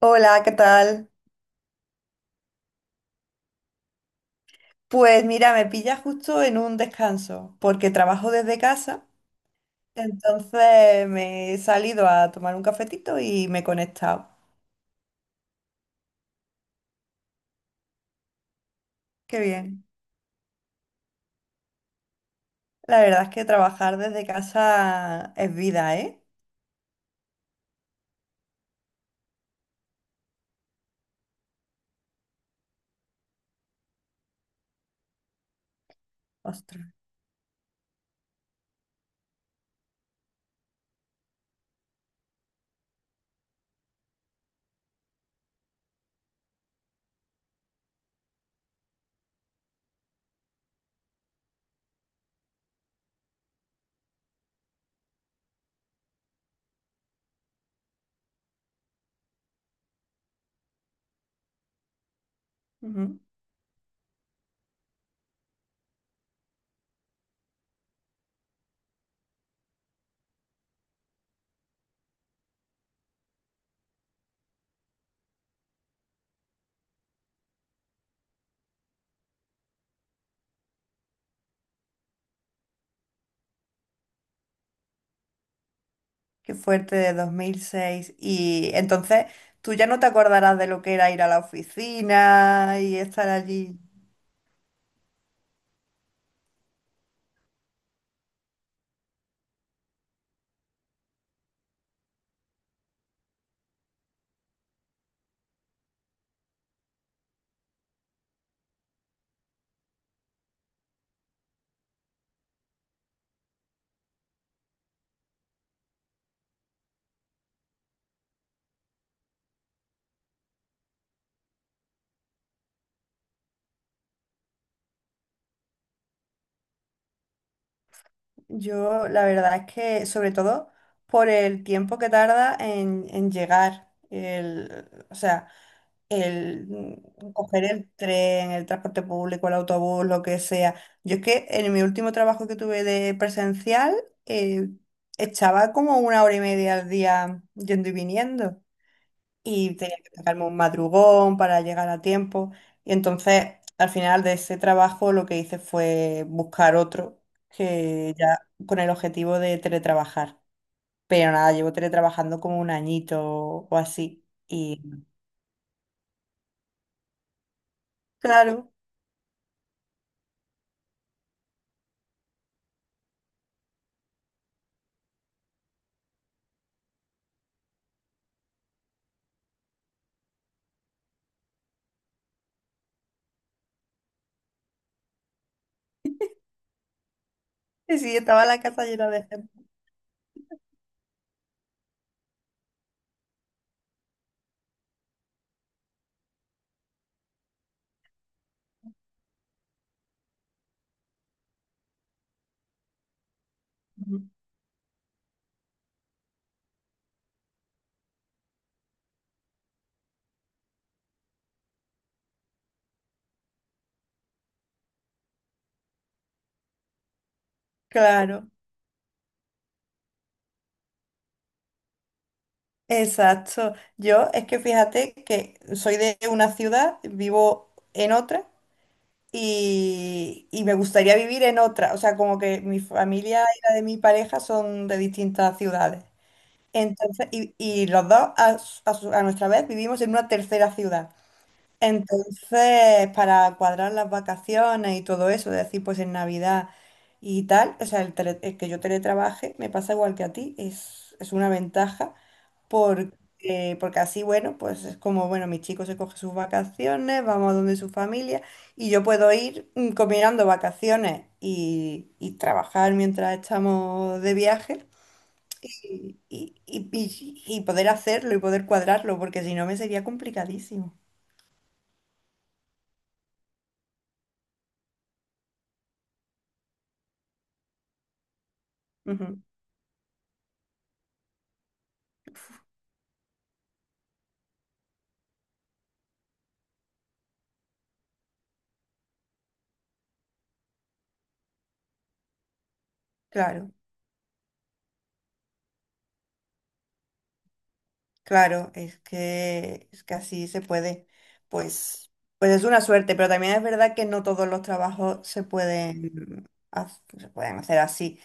Hola, ¿qué tal? Pues mira, me pilla justo en un descanso, porque trabajo desde casa, entonces me he salido a tomar un cafetito y me he conectado. Qué bien. La verdad es que trabajar desde casa es vida, ¿eh? Ostras. Ujú. Qué fuerte de 2006. Y entonces tú ya no te acordarás de lo que era ir a la oficina y estar allí. Yo la verdad es que, sobre todo por el tiempo que tarda en llegar, el, o sea, el coger el tren, el transporte público, el autobús, lo que sea. Yo es que en mi último trabajo que tuve de presencial, eh, echaba como 1 hora y media al día yendo y viniendo y tenía que sacarme un madrugón para llegar a tiempo. Y entonces, al final de ese trabajo, lo que hice fue buscar otro que ya con el objetivo de teletrabajar. Pero nada, llevo teletrabajando como un añito o así. Y claro, y sí, estaba la casa llena de gente. Claro, exacto. Yo es que fíjate que soy de una ciudad, vivo en otra. Y, y me gustaría vivir en otra. O sea, como que mi familia y la de mi pareja son de distintas ciudades. Entonces, y los dos a, a nuestra vez vivimos en una tercera ciudad. Entonces, para cuadrar las vacaciones y todo eso, de decir, pues en Navidad y tal, o sea, el que yo teletrabaje me pasa igual que a ti, es una ventaja porque así, bueno, pues es como, bueno, mi chico se coge sus vacaciones, vamos a donde su familia y yo puedo ir mm, combinando vacaciones y trabajar mientras estamos de viaje y poder hacerlo y poder cuadrarlo, porque si no me sería complicadísimo. Ujú, claro. Claro, es que así se puede. Pues, pues es una suerte, pero también es verdad que no todos los trabajos se pueden, se pueden hacer así.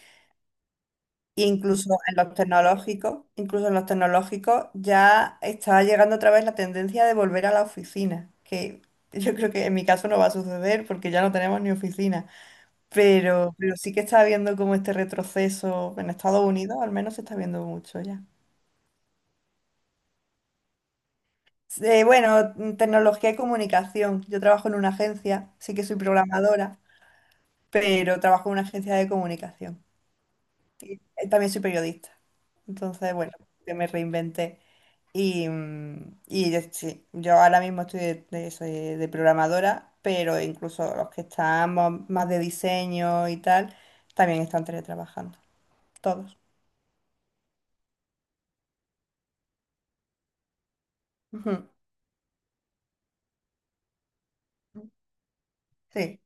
E incluso en los tecnológicos, incluso en los tecnológicos ya está llegando otra vez la tendencia de volver a la oficina, que yo creo que en mi caso no va a suceder porque ya no tenemos ni oficina. Pero sí que está habiendo como este retroceso en Estados Unidos, al menos se está viendo mucho ya. Bueno, Tecnología y comunicación. Yo trabajo en una agencia, sí que soy programadora, pero trabajo en una agencia de comunicación. También soy periodista. Entonces, bueno, yo me reinventé. Sí, yo ahora mismo estoy de eso, de programadora, pero incluso los que estamos más de diseño y tal, también están teletrabajando. Todos. Ujú. Sí,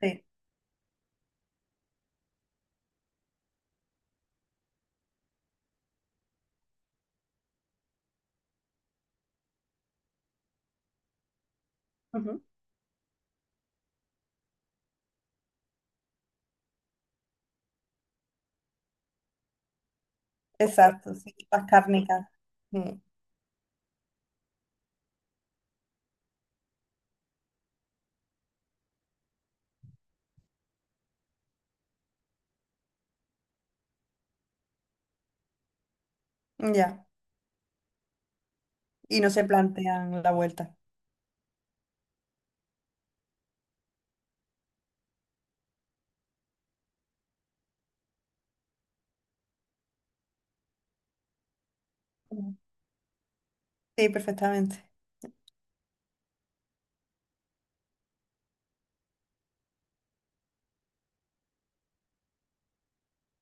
sí. Ujú. Exacto, sí. Las cárnicas. Mm. Ya. Y no se plantean la vuelta. Ujú. Sí, perfectamente.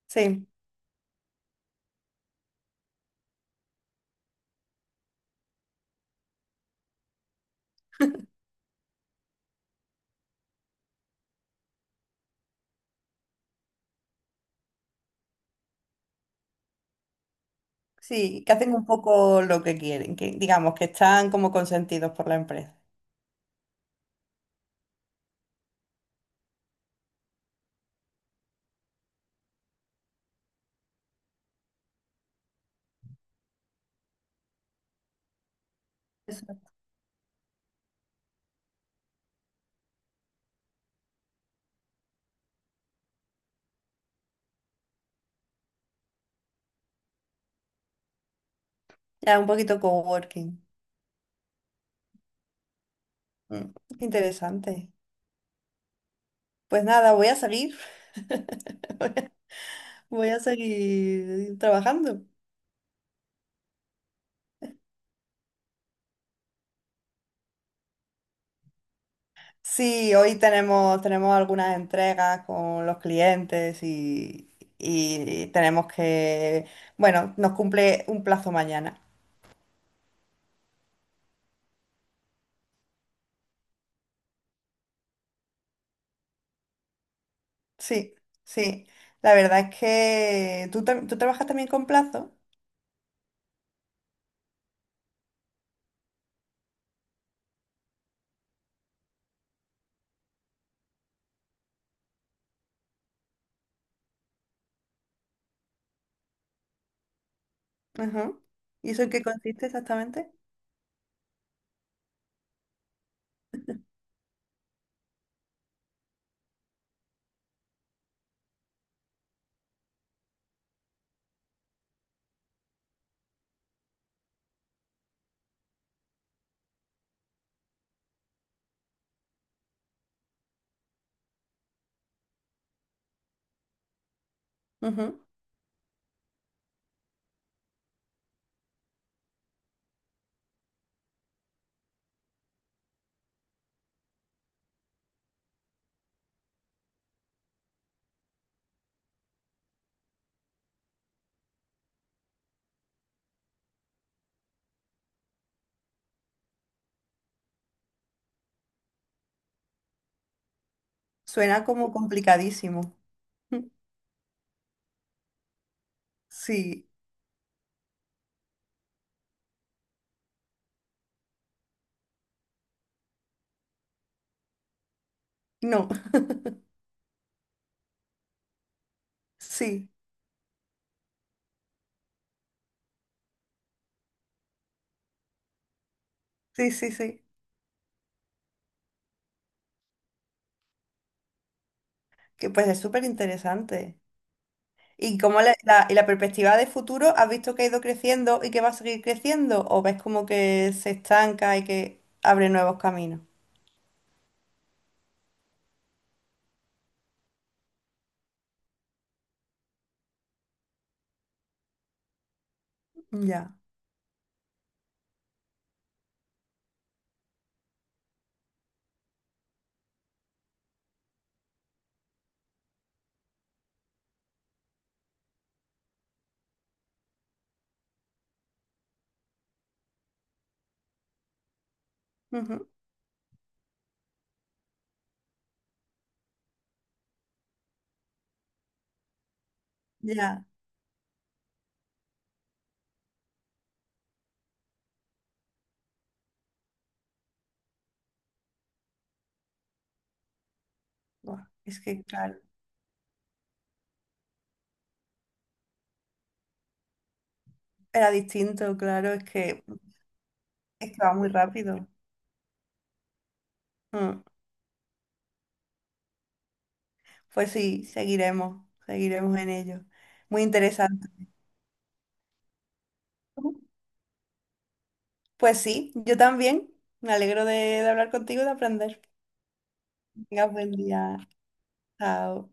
Sí, sí, que hacen un poco lo que quieren, que digamos que están como consentidos por la empresa. Eso. Ya un poquito coworking. Mm, qué interesante. Pues nada, voy a seguir, voy a seguir trabajando. Sí, hoy tenemos, tenemos algunas entregas con los clientes y tenemos que, bueno, nos cumple un plazo mañana. Sí, sí. La verdad es que tú, tú trabajas también con plazo. Ujú. ¿Y eso en qué consiste exactamente? Ujú. Suena como complicadísimo. Sí, no, sí, sí, sí, sí. Que pues es súper interesante. ¿Y cómo la perspectiva de futuro, has visto que ha ido creciendo y que va a seguir creciendo? ¿O ves como que se estanca y que abre nuevos caminos? Ya, ujú, ya. Buah, es que, claro, era distinto, claro, es que... Es que va muy rápido. Mm. Pues sí, seguiremos, seguiremos en ello. Muy interesante. Pues sí, yo también. Me alegro de hablar contigo y de aprender. Tengas buen día. Chao.